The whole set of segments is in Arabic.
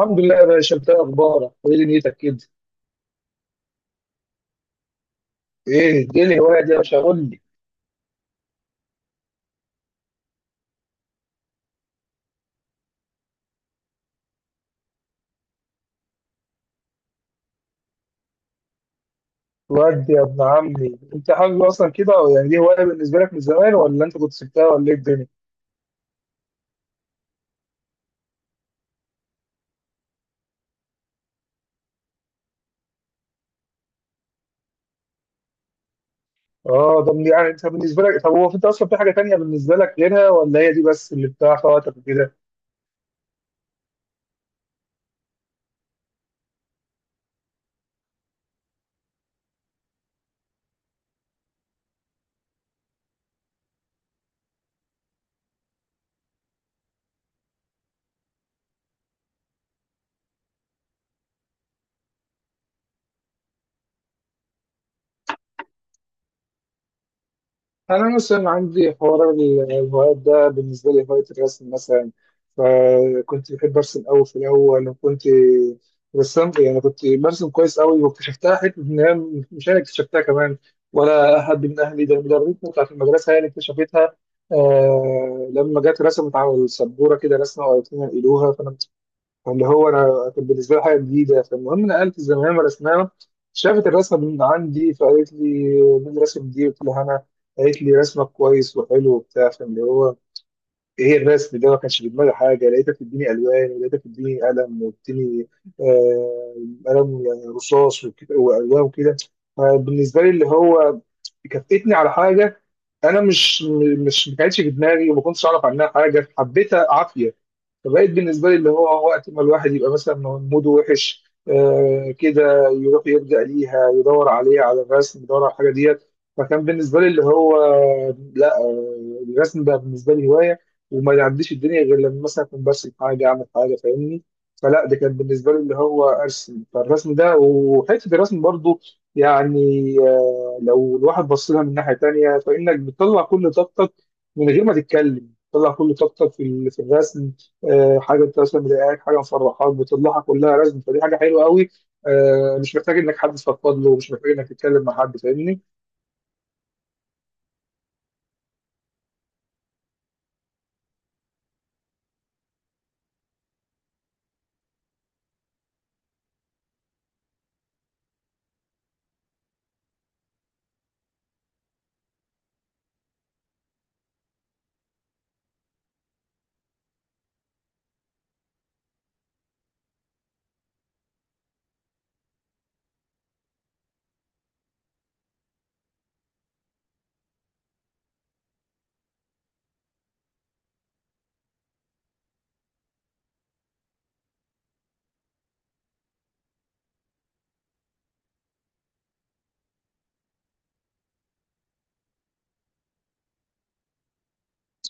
الحمد لله يا باشا. انت ايه اخبارك وايه دنيتك كده؟ ايه الهوايه دي يا باشا، قول لي. ودي يا ابن عمي، انت حابب اصلا كده، او يعني دي هوايه بالنسبه لك من زمان، ولا انت كنت سبتها، ولا ايه الدنيا؟ اه، طب يعني انت بالنسبه لك طب هو انت اصلا في حاجه تانية بالنسبه لك غيرها، ولا هي دي بس اللي بتاع وقتك وكده؟ أنا مثلا عندي حوار الهوايات ده. بالنسبة لي هواية الرسم مثلا، فكنت بحب أرسم أوي في الأول، وكنت رسام، يعني كنت برسم كويس أوي. واكتشفتها حتة إن هي، مش أنا اكتشفتها كمان، ولا أحد من أهلي، ده المدرسة. بتاعت المدرسة هي اللي اكتشفتها. لما جت رسمت على السبورة كده رسمة، وقالت لنا نقلوها. اللي هو انا، كان بالنسبه لي حاجه جديده. فالمهم، نقلت الزمان رسمها، شافت الرسمه من عندي فقالت لي مين الرسم دي؟ قلت لها انا. قالت لي رسمك كويس وحلو وبتاع. فاللي هو، ايه الرسم ده؟ ما كانش في دماغي حاجه. لقيتها بتديني الوان، ولقيتها بتديني قلم، وبتديني آه قلم يعني رصاص، والوان، وكده. فبالنسبه لي اللي هو، كفتني على حاجه. انا مش مش ما كانتش في دماغي، وما كنتش اعرف عنها حاجه، حبيتها عافيه. فبقيت بالنسبه لي اللي هو، وقت ما الواحد يبقى مثلا موده وحش كده، يروح يلجأ ليها، يدور عليها، على الرسم، يدور على الحاجه ديت. فكان بالنسبه لي اللي هو، لا، الرسم بقى بالنسبه لي هوايه. وما يعديش الدنيا غير لما مثلا اكون برسم حاجه، اعمل حاجه، فاهمني؟ فلا، ده كان بالنسبه لي اللي هو ارسم. فالرسم ده، وحته الرسم برضو، يعني لو الواحد بص لها من ناحيه تانيه، فانك بتطلع كل طاقتك من غير ما تتكلم، بتطلع كل طاقتك في الرسم. حاجه انت مثلا مضايقاك، حاجه مفرحاك، بتطلعها كلها رزم. فدي حاجه حلوه قوي. مش محتاج انك حد تفضفض له، مش محتاج انك تتكلم مع حد، فاهمني؟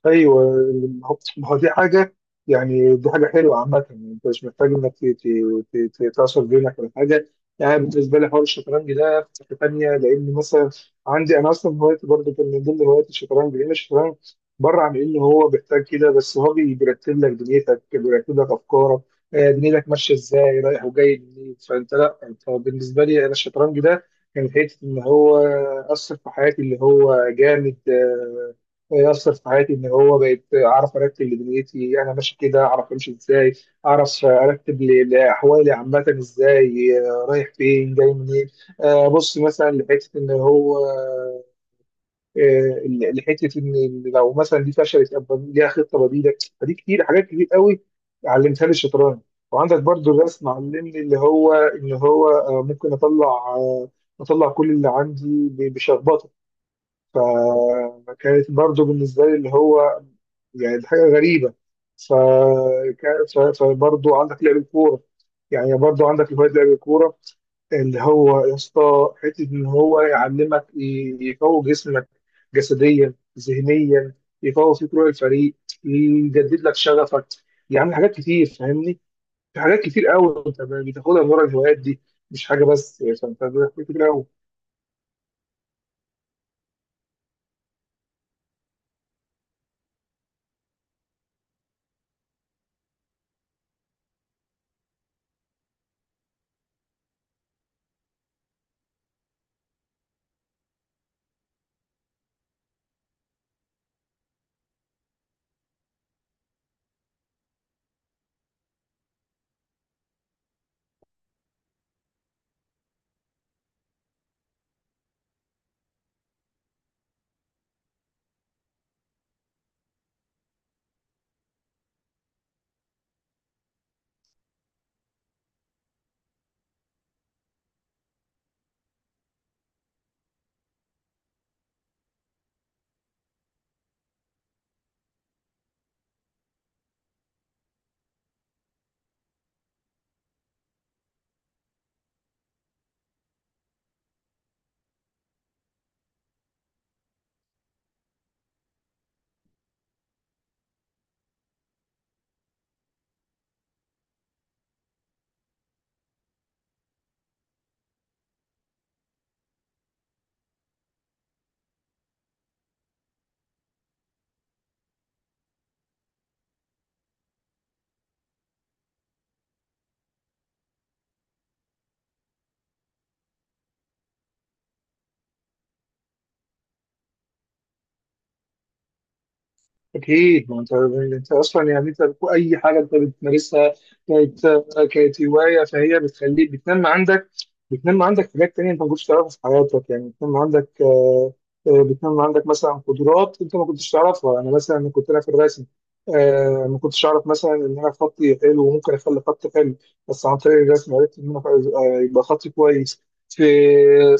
ايوه، ما هو دي حاجه. يعني دي حاجه حلوه عامه. يعني انت مش محتاج انك تعصر بينك ولا حاجه. يعني بالنسبه لي حوار الشطرنج ده في حته ثانيه، لان مثلا عندي انا اصلا هوايتي برضه كان من ضمن هوايات الشطرنج. لان الشطرنج بره عن انه هو بيحتاج كده، بس هو بيرتب لك دنيتك، بيرتب لك افكارك، دنيتك ماشيه ازاي، رايح وجاي منين. فانت، لا انت بالنسبه لي انا الشطرنج ده كان حته ان هو اثر في حياتي اللي هو جامد. يأثر في حياتي إن هو بقيت أعرف أرتب لدنيتي أنا، ماشي كده، أعرف أمشي إزاي، أعرف أرتب لأحوالي عامة إزاي، رايح فين، جاي منين. بص مثلا لحتة إن هو، آه، لحتة إن لو مثلا دي فشلت أبقى ليها خطة بديلة. فدي حاجات كتير قوي علمتها لي الشطرنج. وعندك برضو الرسم، علمني اللي هو إن هو ممكن آه، أطلع كل اللي عندي بشخبطة. ف- كانت برضو بالنسبة لي اللي هو، يعني دي حاجه غريبه. ف... فبرضه عندك لعب الكوره. يعني برضه عندك هوايه لعب الكوره اللي هو يا اسطى، حته ان هو يعلمك، يقوي جسمك جسديا ذهنيا، يقوي فيك روح الفريق، يجدد لك شغفك، يعني حاجات كتير، فاهمني؟ في حاجات كتير قوي انت بتاخدها من ورا الهوايات دي، مش حاجه بس يعني، فانت حاجات كتير قوي. اكيد، ما انت اصلا، يعني انت اي حاجه انت بتمارسها كانت كانت هوايه، فهي بتخليك، بتنمي عندك حاجات تانية انت ما كنتش تعرفها في حياتك. يعني بتنمي عندك مثلا قدرات انت ما كنتش تعرفها. انا مثلا لما كنت انا في الرسم، ما كنتش اعرف مثلا ان انا خطي حلو وممكن اخلي خطي حلو، بس عن طريق الرسم عرفت ان انا، يبقى خطي كويس. في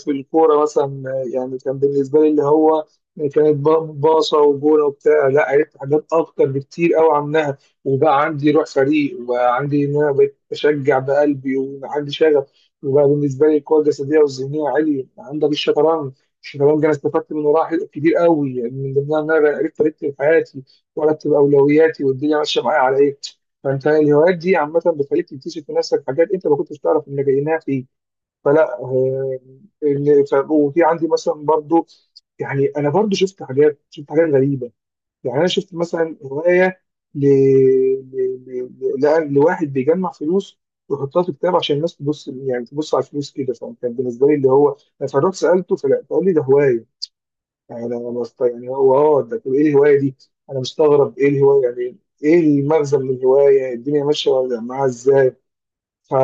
في الكوره مثلا، يعني كان بالنسبه لي اللي هو، يعني كانت باصة وجونة وبتاع، لا عرفت حاجات أكتر بكتير أوي عنها. وبقى عندي روح فريق، وبقى عندي إن أنا بقيت بشجع بقلبي وعندي شغف، وبقى بالنسبة لي القوة الجسدية والذهنية عالية. عندك الشطرنج، الشطرنج أنا استفدت من وراها كتير أوي، يعني من ضمنها إن أنا عرفت أرتب حياتي وأرتب أولوياتي والدنيا ماشية معايا على إيه. فأنت الهوايات دي عامة بتخليك تكتشف في نفسك حاجات أنت ما كنتش تعرف إنك جايناها فيك. فلا، وفي عندي مثلا برضو، يعني انا برضو شفت حاجات غريبه. يعني انا شفت مثلا هوايه ل... ل... ل... لواحد بيجمع فلوس ويحطها في كتاب عشان الناس تبص، يعني تبص على الفلوس كده، فكان بالنسبه لي اللي هو انا فرحت سالته، فلا، فقال لي ده هوايه. يعني يعني هو، ده طب ايه الهوايه دي؟ انا مستغرب، ايه الهوايه يعني؟ ايه المغزى من الهوايه؟ الدنيا ماشيه ولا معاها ازاي؟ ف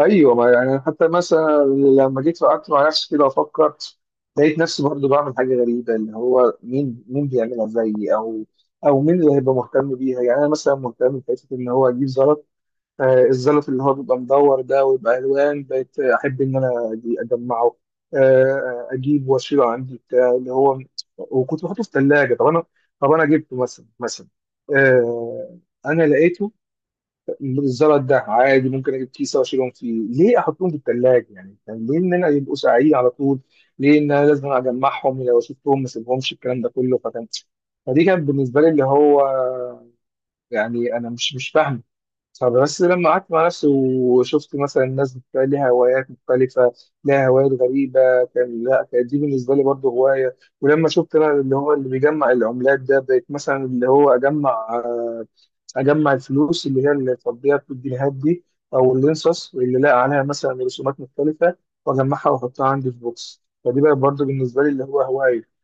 ايوه، ما يعني حتى مثلا لما جيت قعدت مع نفسي كده افكر، لقيت نفسي برضو بعمل حاجه غريبه اللي هو مين بيعملها زيي، او مين اللي هيبقى مهتم بيها. يعني انا مثلا مهتم بحته ان هو اجيب زلط. الزلط اللي هو بيبقى مدور ده ويبقى الوان، بقيت احب ان انا اجمعه. اجيب واشيله عندي بتاع اللي هو، وكنت بحطه في الثلاجه. طب انا جبته مثلا، آه انا لقيته الزلط ده عادي. ممكن اجيب كيسه واشيلهم فيه، ليه احطهم في الثلاجه؟ يعني ليه ان انا يبقوا ساقعين على طول؟ ليه ان انا لازم اجمعهم؟ يعني لو شفتهم ما سيبهمش، الكلام ده كله. فدي كانت بالنسبه لي اللي هو، يعني انا مش فاهم. فبس لما قعدت مع نفسي وشفت مثلا الناس بتبقى ليها هوايات مختلفه، لها هوايات غريبه، كان لا كانت دي بالنسبه لي برضه هوايه. ولما شفت انا اللي هو اللي بيجمع العملات ده، بقيت مثلا اللي هو اجمع الفلوس اللي هي اللي تقضيها في الجنيهات دي، او الانصص، واللي لاقي عليها مثلا رسومات مختلفه، واجمعها واحطها عندي في بوكس. فدي بقى برضه بالنسبه لي اللي هو هوايه.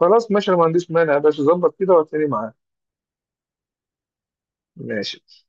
خلاص ماشي، انا ما عنديش مانع يا باشا. ظبط كده وهتلاقيني معاك. ماشي.